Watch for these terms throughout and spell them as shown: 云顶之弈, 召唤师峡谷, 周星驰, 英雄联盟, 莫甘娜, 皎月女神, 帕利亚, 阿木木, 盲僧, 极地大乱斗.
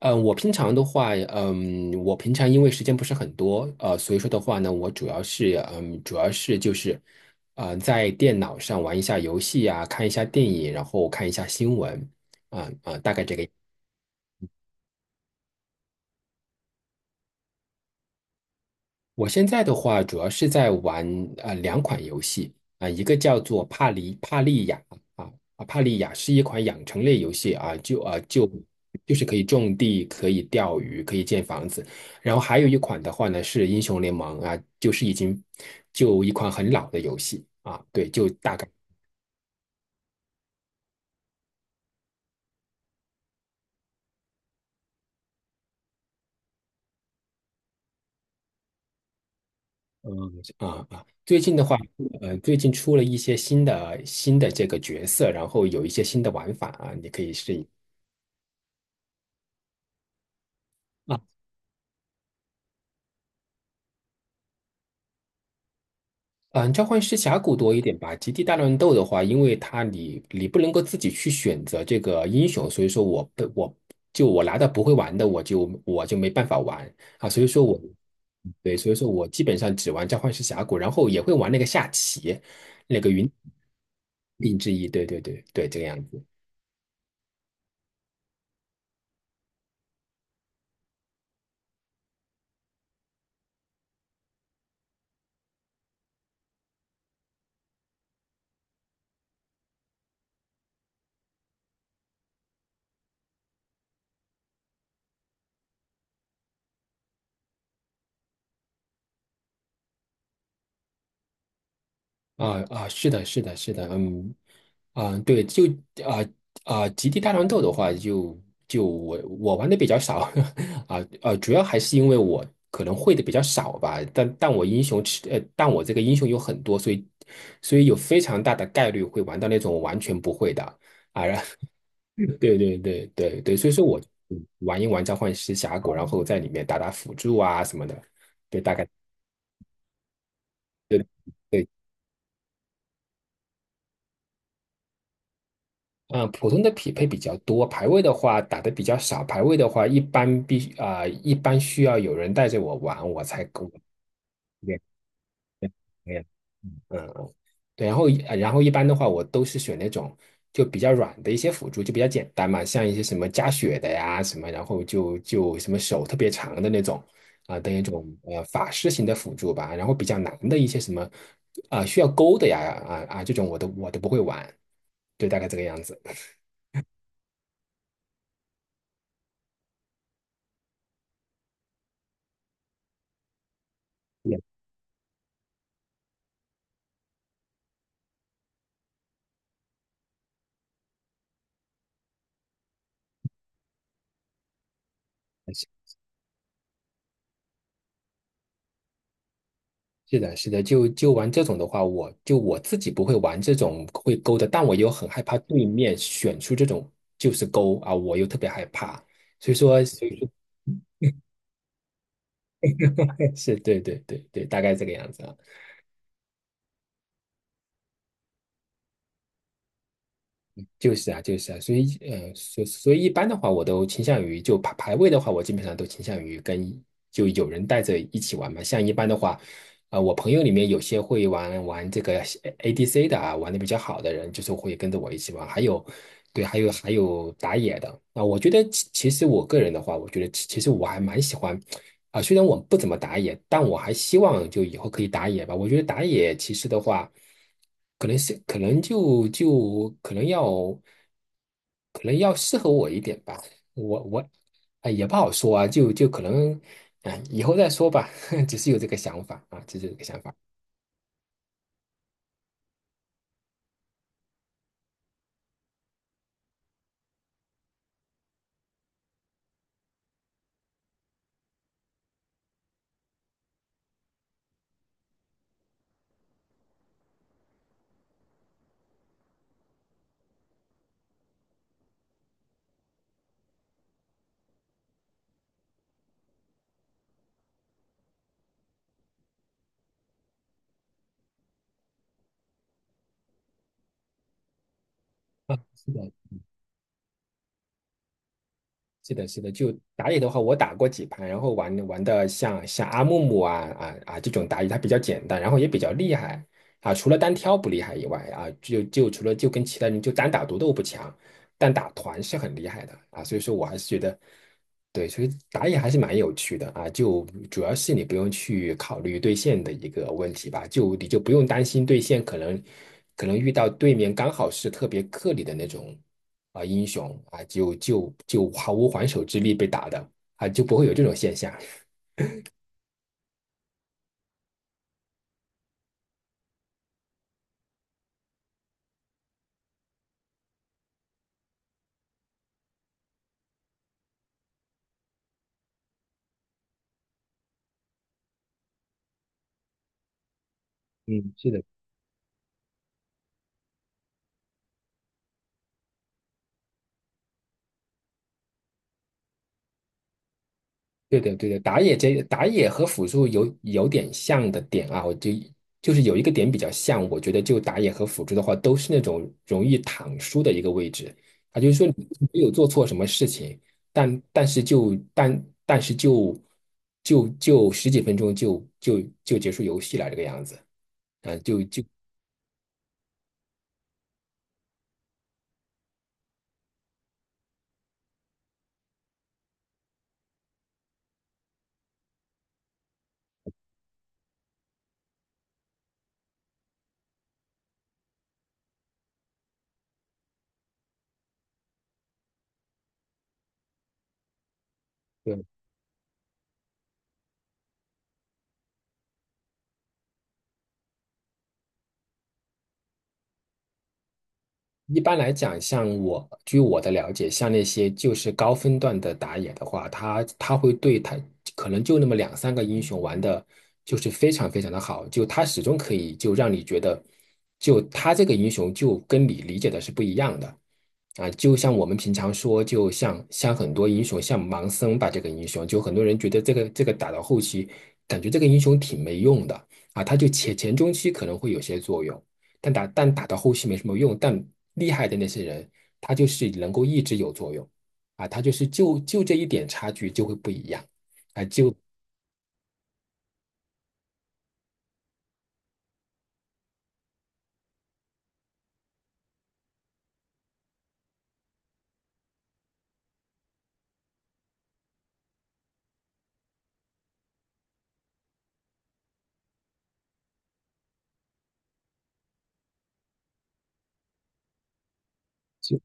嗯，我平常的话，我平常因为时间不是很多，所以说的话呢，我主要是，主要是就是，在电脑上玩一下游戏啊，看一下电影，然后看一下新闻，大概这个。我现在的话，主要是在玩两款游戏啊、一个叫做《帕里帕利亚》啊啊，《帕利亚》是一款养成类游戏啊，就是可以种地、可以钓鱼、可以建房子。然后还有一款的话呢是《英雄联盟》啊，就是就一款很老的游戏啊，对，就大概嗯最近的话，最近出了一些新的这个角色，然后有一些新的玩法啊，你可以试啊。嗯，召唤师峡谷多一点吧。极地大乱斗的话，因为它你不能够自己去选择这个英雄，所以说我不我就我拿到不会玩的，我就没办法玩啊。所以说我对，所以说我基本上只玩召唤师峡谷，然后也会玩那个下棋，那个云顶之弈。对对对对，这个样子。是的，是的，是的，对，就啊极地大乱斗的话，就我玩的比较少。主要还是因为我可能会的比较少吧，但我这个英雄有很多，所以有非常大的概率会玩到那种我完全不会的啊。 对对对对对，所以说我玩一玩召唤师峡谷，然后在里面打打辅助啊什么的，对，大概。对对。嗯，普通的匹配比较多，排位的话打的比较少。排位的话，一般需要有人带着我玩，我才够。练练嗯，嗯，对。然后一般的话，我都是选那种就比较软的一些辅助，就比较简单嘛，像一些什么加血的呀什么，然后就什么手特别长的那种法师型的辅助吧。然后比较难的一些什么需要勾的呀，这种我都不会玩，对，大概这个样子。是的，是的，就玩这种的话，我自己不会玩这种会勾的，但我又很害怕对面选出这种就是勾啊，我又特别害怕，所以说。 是对对对对，大概这个样子啊。就是啊，所以一般的话，我都倾向于就排位的话，我基本上都倾向于跟就有人带着一起玩嘛。像一般的话，我朋友里面有些会玩玩这个 ADC 的啊，玩的比较好的人，就是会跟着我一起玩。还有，对，还有还有打野的啊。我觉得其实我个人的话，我觉得其实我还蛮喜欢啊，虽然我不怎么打野，但我还希望就以后可以打野吧。我觉得打野其实的话，可能是可能就就可能要可能要适合我一点吧。我也不好说啊，就可能以后再说吧。只是有这个想法啊，只是有这个想法啊。是的，是的，是的，就打野的话，我打过几盘，然后玩玩的像阿木木这种打野，它比较简单，然后也比较厉害啊。除了单挑不厉害以外啊，就除了就跟其他人就单打独斗不强，但打团是很厉害的啊。所以说我还是觉得，对，所以打野还是蛮有趣的啊。就主要是你不用去考虑对线的一个问题吧，就你就不用担心对线可能遇到对面刚好是特别克你的那种英雄啊，就毫无还手之力被打的啊，就不会有这种现象。嗯，是的，对的对的，打野和辅助有点像的点啊，我就是有一个点比较像，我觉得就打野和辅助的话，都是那种容易躺输的一个位置啊，就是说你没有做错什么事情，但但是就但但是就就就十几分钟就结束游戏了这个样子。嗯、啊就一般来讲，像我，据我的了解，像那些就是高分段的打野的话，他会对他可能就那么两三个英雄玩的，就是非常非常的好，就他始终可以就让你觉得，就他这个英雄就跟你理解的是不一样的啊。就像我们平常说，就像像很多英雄，像盲僧吧，这个英雄，就很多人觉得这个打到后期，感觉这个英雄挺没用的啊，他就前中期可能会有些作用。但打到后期没什么用，但厉害的那些人，他就是能够一直有作用啊，他就是就这一点差距就会不一样。就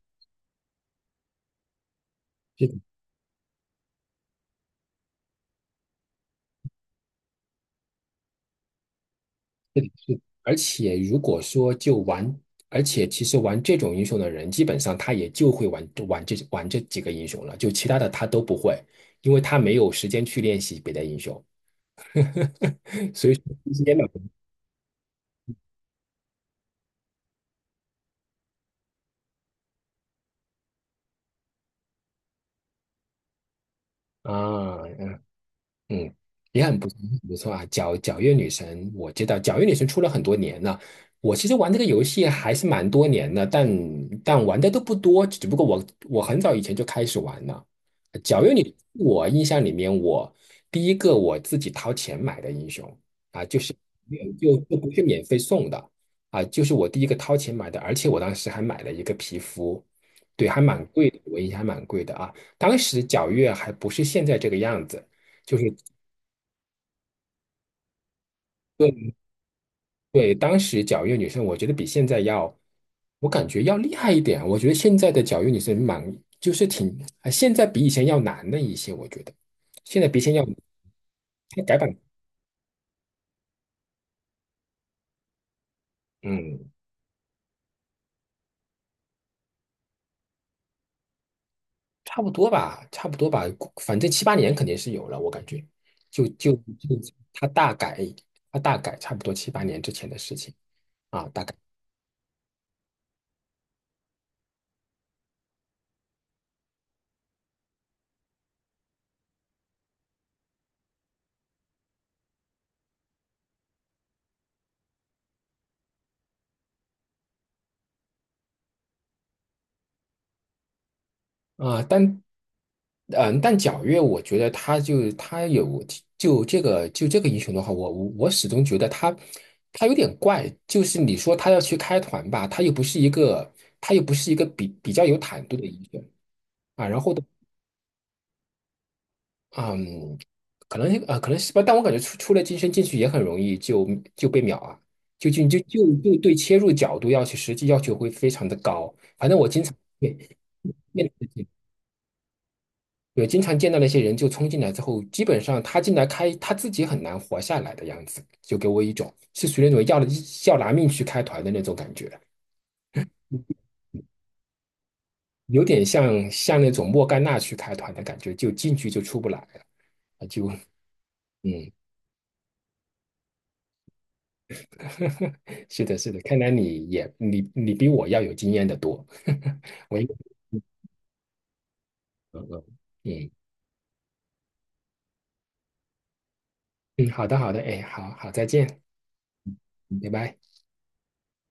就，而且如果说就玩，而且其实玩这种英雄的人，基本上他也就会玩这几个英雄了，就其他的他都不会，因为他没有时间去练习别的英雄。所以说时间的啊。嗯，也很不错，很不错啊。皎月女神，我知道皎月女神出了很多年了。我其实玩这个游戏还是蛮多年的，但玩的都不多，只不过我很早以前就开始玩了。皎月女，我印象里面我第一个自己掏钱买的英雄啊，就是没有就不是免费送的啊，就是我第一个掏钱买的，而且我当时还买了一个皮肤，对，还蛮贵的，我印象还蛮贵的啊。当时皎月还不是现在这个样子。就是。对对，当时脚月女生，我觉得比现在要，我感觉要厉害一点。我觉得现在的脚月女生蛮，就是挺，啊现在比以前要难了一些。我觉得现在比以前要改版，嗯，差不多吧，差不多吧，反正七八年肯定是有了，我感觉，就就就他大改，他大改，差不多七八年之前的事情啊，大概啊，但皎月，我觉得他有就这个英雄的话，我始终觉得他有点怪，就是你说他要去开团吧，他又不是一个比较有坦度的英雄啊，然后的嗯，可能可能是吧，但我感觉出了金身进去也很容易就被秒啊，就对切入角度实际要求会非常的高，反正我经常对面对有经常见到那些人就冲进来之后，基本上他进来开他自己很难活下来的样子，就给我一种是属于那种要拿命去开团的那种感觉，有点像那种莫甘娜去开团的感觉，就进去就出不来了。啊就嗯，是的，是的，看来你也你比我要有经验的多。我一嗯嗯嗯嗯，好的好的，哎，好好再见，嗯拜拜。